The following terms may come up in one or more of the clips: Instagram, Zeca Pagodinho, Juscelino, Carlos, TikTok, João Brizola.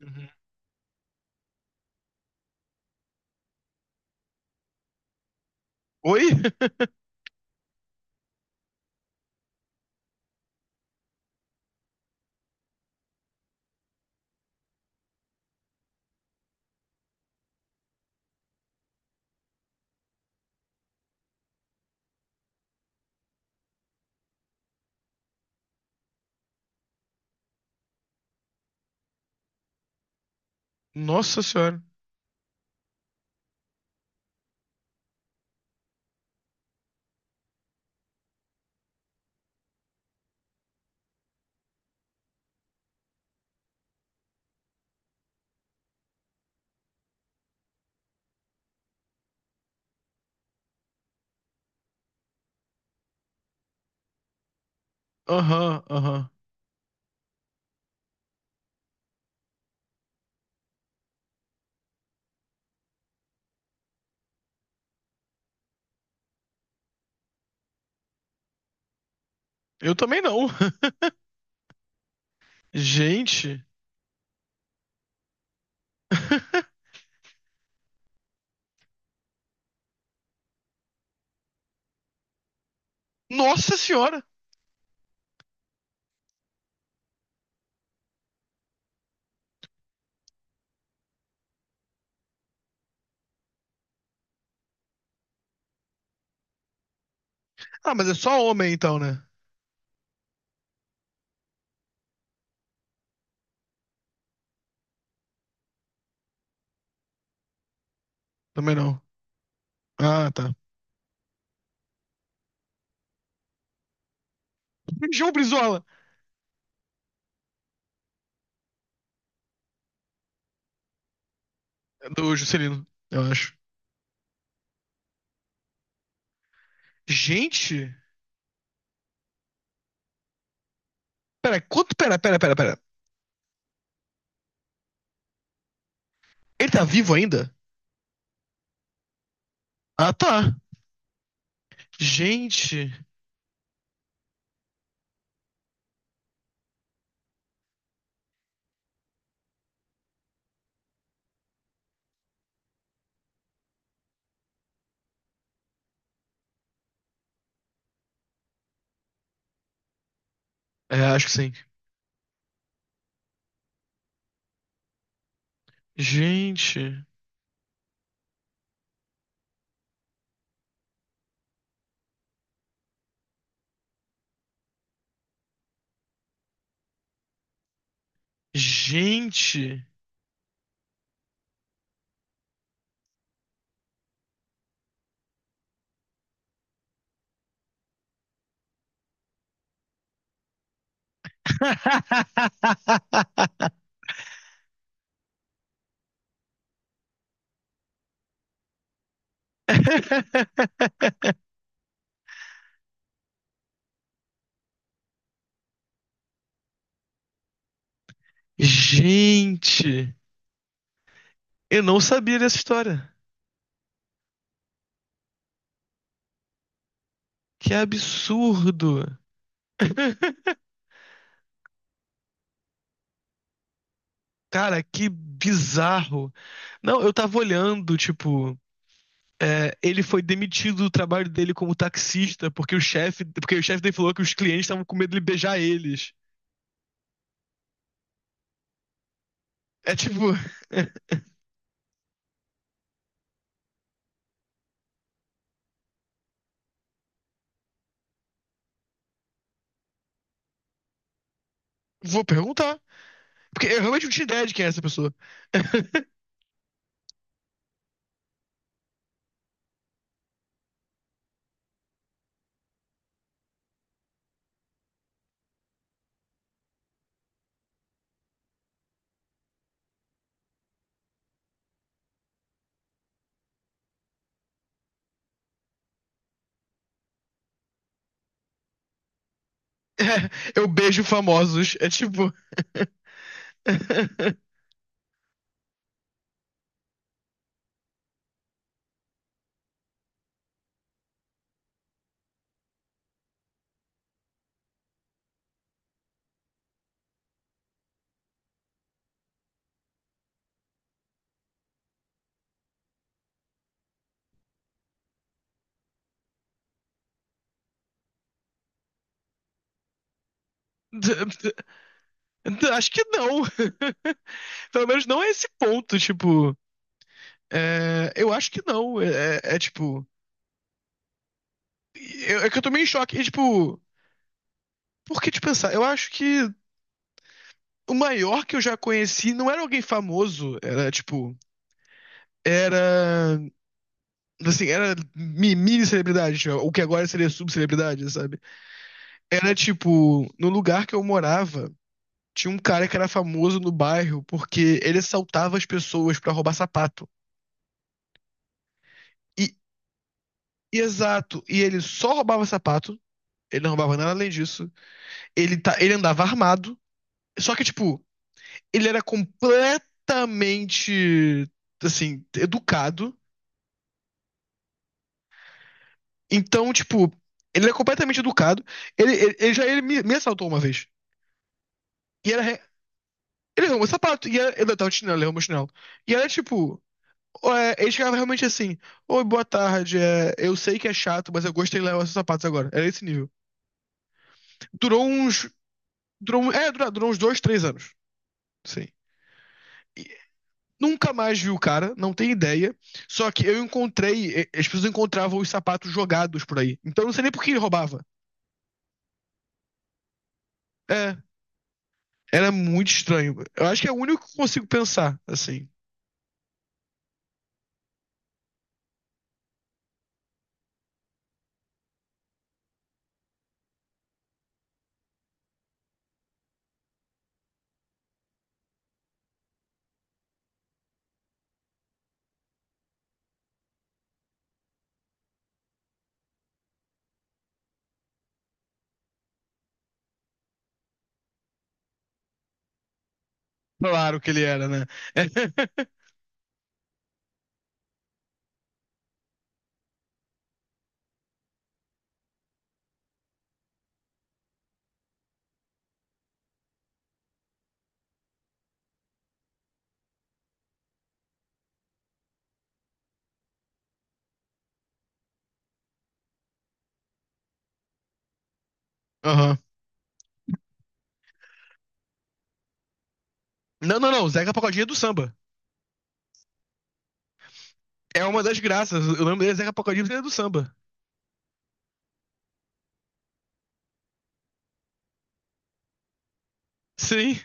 Uhum. Oi? Nossa senhora. Aham, aham. Eu também não. Gente. Nossa senhora. Ah, mas é só homem então, né? Também não. Ah, tá. João Brizola. É do Juscelino, eu acho. Gente. Pera, quanto. Pera, pera, pera, pera. Ele tá vivo ainda? Ah, tá. Gente. É, acho que sim. Gente. Gente. Gente. Eu não sabia dessa história. Que absurdo! Cara, que bizarro. Não, eu tava olhando, tipo, é, ele foi demitido do trabalho dele como taxista porque o chefe dele falou que os clientes estavam com medo de beijar eles. É tipo, vou perguntar, porque eu realmente não tinha ideia de quem é essa pessoa. É, eu beijo famosos. É tipo, acho que não. Pelo menos não é esse ponto, tipo, é, eu acho que não. É, tipo é que eu tô meio em choque. E, tipo, por que te pensar? Eu acho que o maior que eu já conheci não era alguém famoso, era tipo. Era. Assim, era mini celebridade, tipo, o que agora seria subcelebridade, sabe? Era tipo. No lugar que eu morava, tinha um cara que era famoso no bairro porque ele assaltava as pessoas pra roubar sapato. E, e exato, e ele só roubava sapato, ele não roubava nada além disso. Ele, tá, ele andava armado. Só que, tipo. Ele era completamente, assim, educado. Então, tipo, ele é completamente educado. Ele me assaltou uma vez. E era. re- Ele arrumou sapato. E era, ele tava de chinelo, ele arrumou chinelo. E era tipo. É, ele chegava realmente assim: Oi, boa tarde. É, eu sei que é chato, mas eu gostei de levar seus sapatos agora. Era esse nível. Durou uns. Durou, um- é, durou, durou uns dois, três anos. Sim. Nunca mais vi o cara, não tem ideia. Só que eu encontrei, as pessoas encontravam os sapatos jogados por aí. Então eu não sei nem por que ele roubava. É, era muito estranho. Eu acho que é o único que consigo pensar, assim. Claro que ele era, né? É. Aham. Não, não, não. Zeca Pagodinho é do samba. É uma das graças. Eu lembro dele é Zeca Pagodinho é do samba. Sim.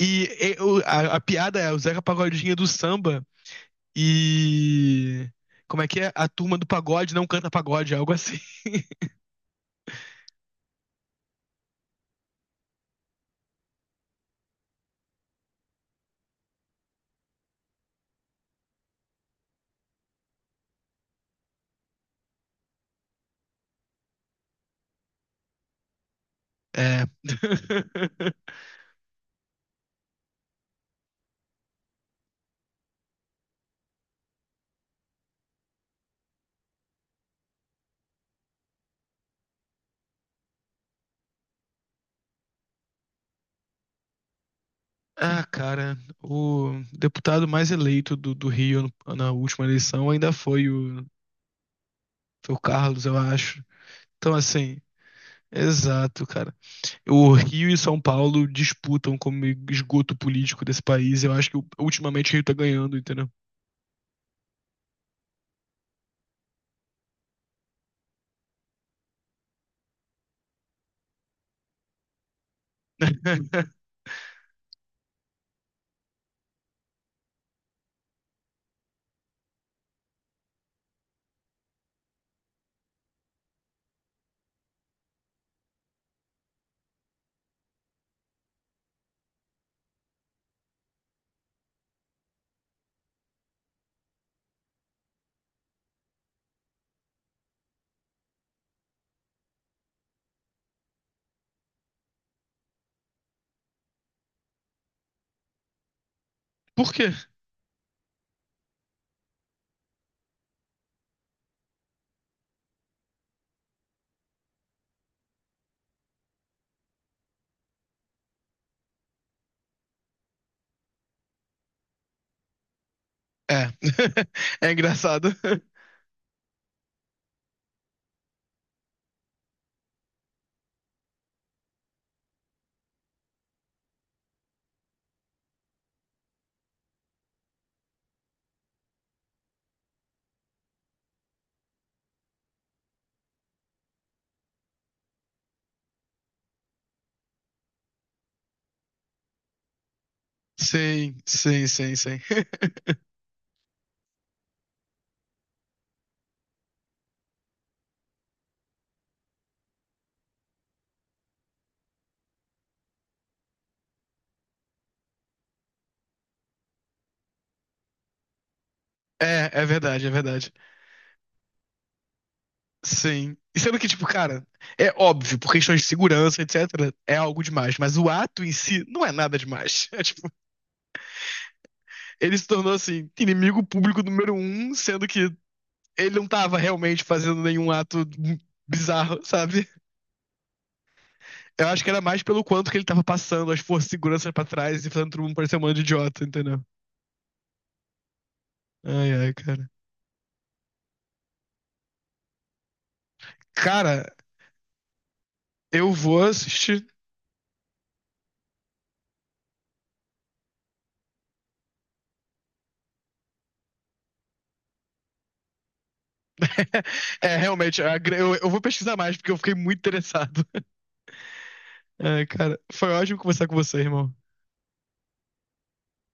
E, a piada é o Zeca Pagodinho é do samba e. Como é que é? A turma do pagode não canta pagode, algo assim. É. Ah, cara, o deputado mais eleito do Rio na última eleição ainda foi o Carlos, eu acho. Então, assim, exato, cara. O Rio e São Paulo disputam como esgoto político desse país. Eu acho que ultimamente o Rio tá ganhando, entendeu? Por quê? É. É engraçado. Sim, sim, sim, sim. É, é verdade, é verdade. Sim. E sendo que, tipo, cara, é óbvio, por questões de segurança, etc., é algo demais. Mas o ato em si não é nada demais. É tipo, ele se tornou, assim, inimigo público número um, sendo que ele não tava realmente fazendo nenhum ato bizarro, sabe? Eu acho que era mais pelo quanto que ele tava passando as forças de segurança pra trás e fazendo todo mundo parecer um bando de idiota, entendeu? Ai, ai, cara. Cara, eu vou assistir. É, realmente, eu vou pesquisar mais, porque eu fiquei muito interessado. É, cara, foi ótimo conversar com você, irmão.